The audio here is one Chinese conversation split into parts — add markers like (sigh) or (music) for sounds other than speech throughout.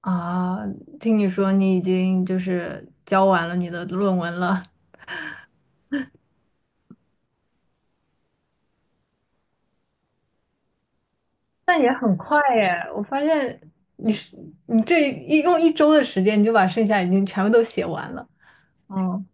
啊，听你说你已经交完了你的论文了，那也很快耶！我发现你是你这一用1周的时间，你就把剩下已经全部都写完了。嗯。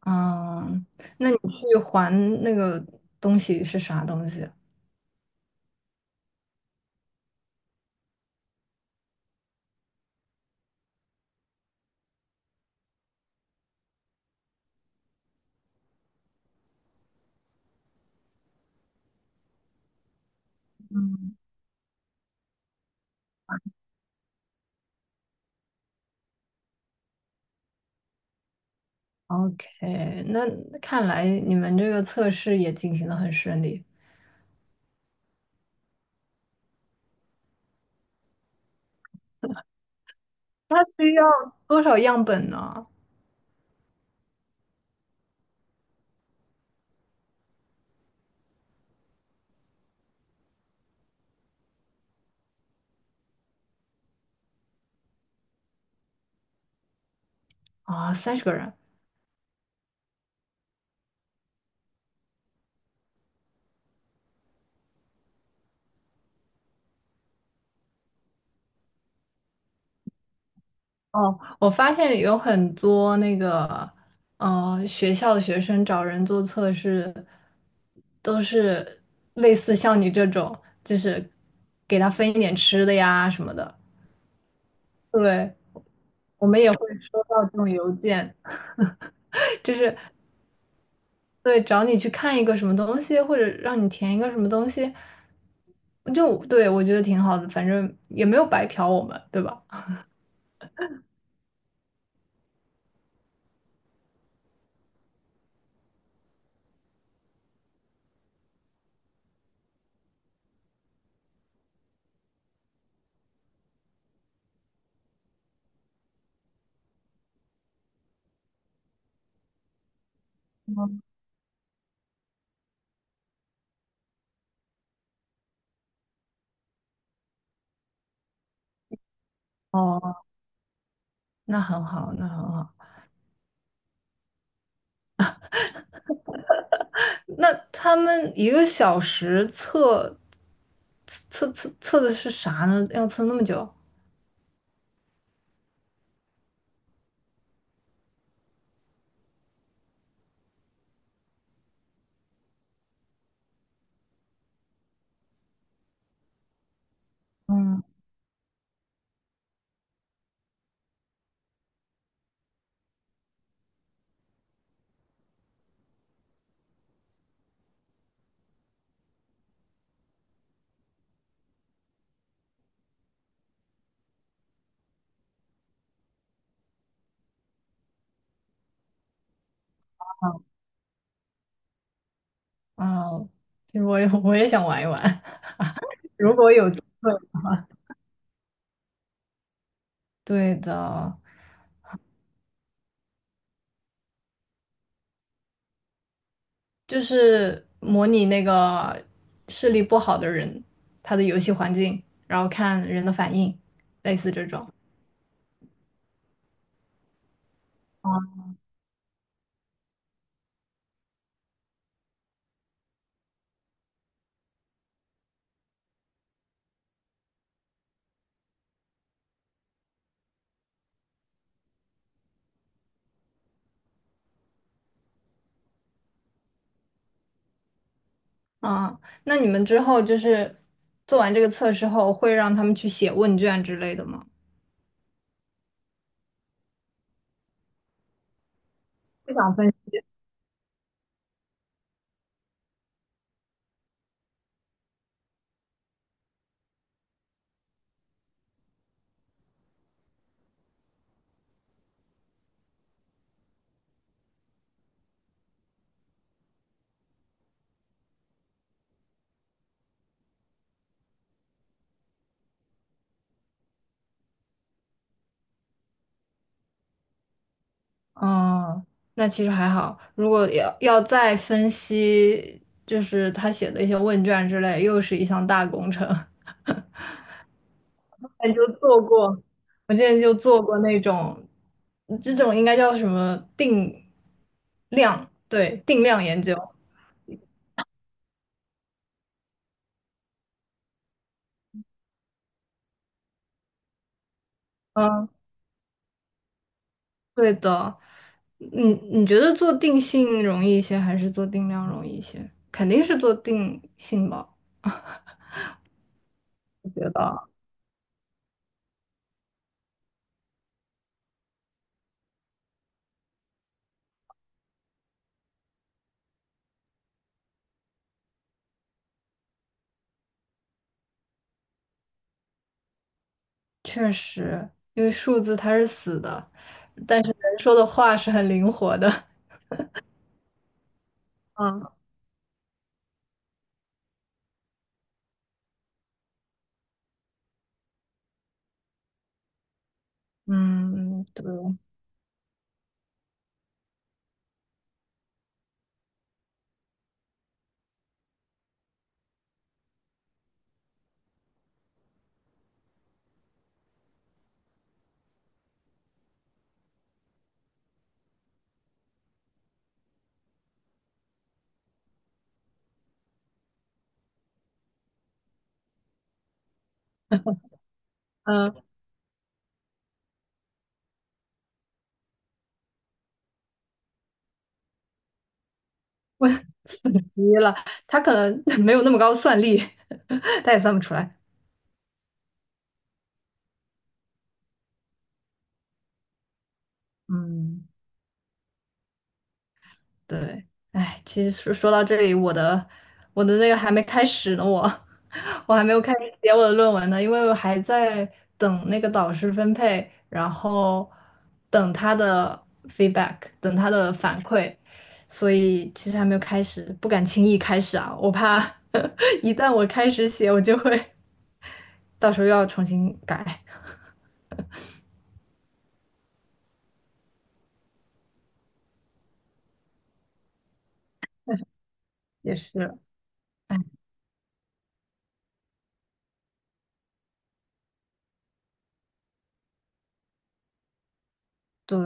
嗯，那你去还那个东西是啥东西？OK,那看来你们这个测试也进行的很顺利。它需要多少样本呢？啊，30个人。哦，我发现有很多那个，学校的学生找人做测试，都是类似像你这种，就是给他分一点吃的呀什么的。对，我们也会收到这种邮件，(laughs) 就是对找你去看一个什么东西，或者让你填一个什么东西，就对我觉得挺好的，反正也没有白嫖我们，对吧？哦，那很好，那很好。那他们1个小时测测的是啥呢？要测那么久？嗯，啊，其实我也想玩一玩，(laughs) 如果有机会。对的，就是模拟那个视力不好的人，他的游戏环境，然后看人的反应，类似这种。啊啊，那你们之后就是做完这个测试后，会让他们去写问卷之类的吗？不想分。哦，那其实还好。如果要再分析，就是他写的一些问卷之类，又是一项大工程。(laughs) 那就做过，我之前就做过那种，这种应该叫什么定量，对，定量研究。嗯，对的。你觉得做定性容易一些，还是做定量容易一些？肯定是做定性吧，我觉得。确实，因为数字它是死的，但是人说的话是很灵活的。(laughs) 嗯嗯，对，嗯，我 (laughs) 死机了，他可能 (laughs) 没有那么高算力，(laughs) 他也算不出来。嗯。对，哎，其实说到这里，我的那个还没开始呢，我 (laughs) 我还没有开始写我的论文呢，因为我还在等那个导师分配，然后等他的 feedback,等他的反馈，所以其实还没有开始，不敢轻易开始啊，我怕 (laughs) 一旦我开始写，我就会 (laughs) 到时候又要重新改，也是，对，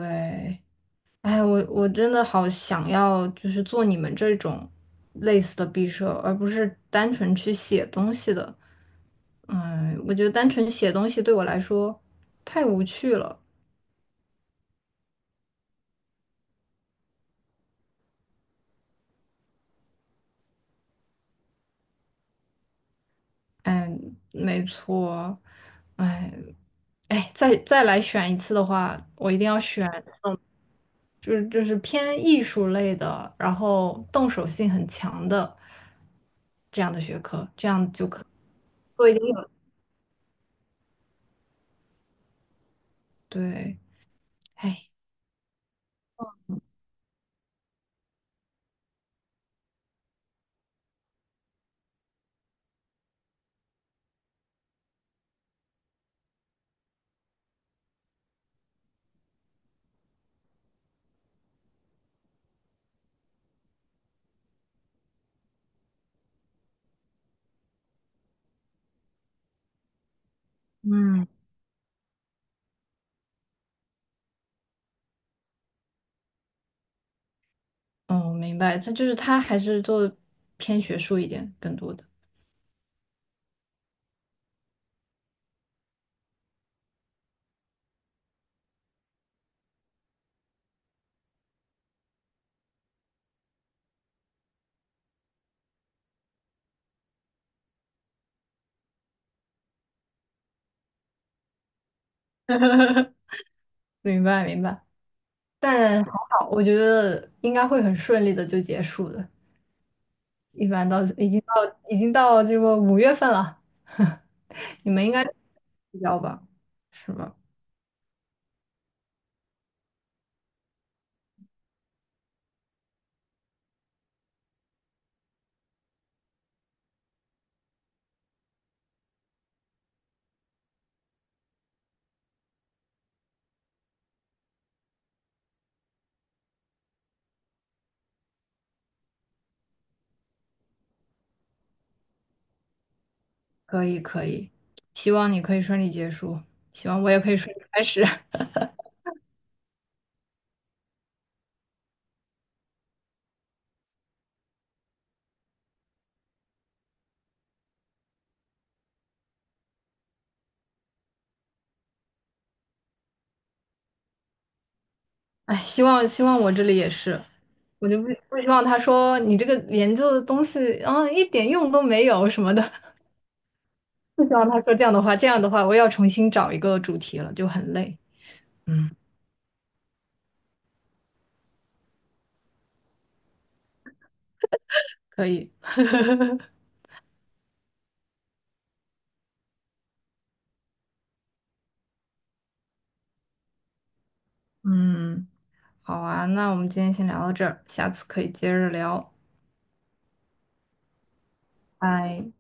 哎，我真的好想要，就是做你们这种类似的毕设，而不是单纯去写东西的。嗯，我觉得单纯写东西对我来说太无趣了。哎，没错。哎，哎，再来选一次的话，我一定要选，嗯，就是偏艺术类的，然后动手性很强的这样的学科，这样就可做一点有对。哎，嗯。哦，明白，他还是做的偏学术一点，更多的。明白明白，但还好，我觉得应该会很顺利的就结束的。一般到已经到这个5月份了，(laughs) 你们应该比较吧？是吧？可以，可以，希望你可以顺利结束，希望我也可以顺利开始。(laughs) 哎，希望我这里也是。我就不希望他说你这个研究的东西，嗯，一点用都没有什么的。不希望他说这样的话，这样的话我要重新找一个主题了，就很累。嗯，可以，嗯，好啊，那我们今天先聊到这儿，下次可以接着聊，拜。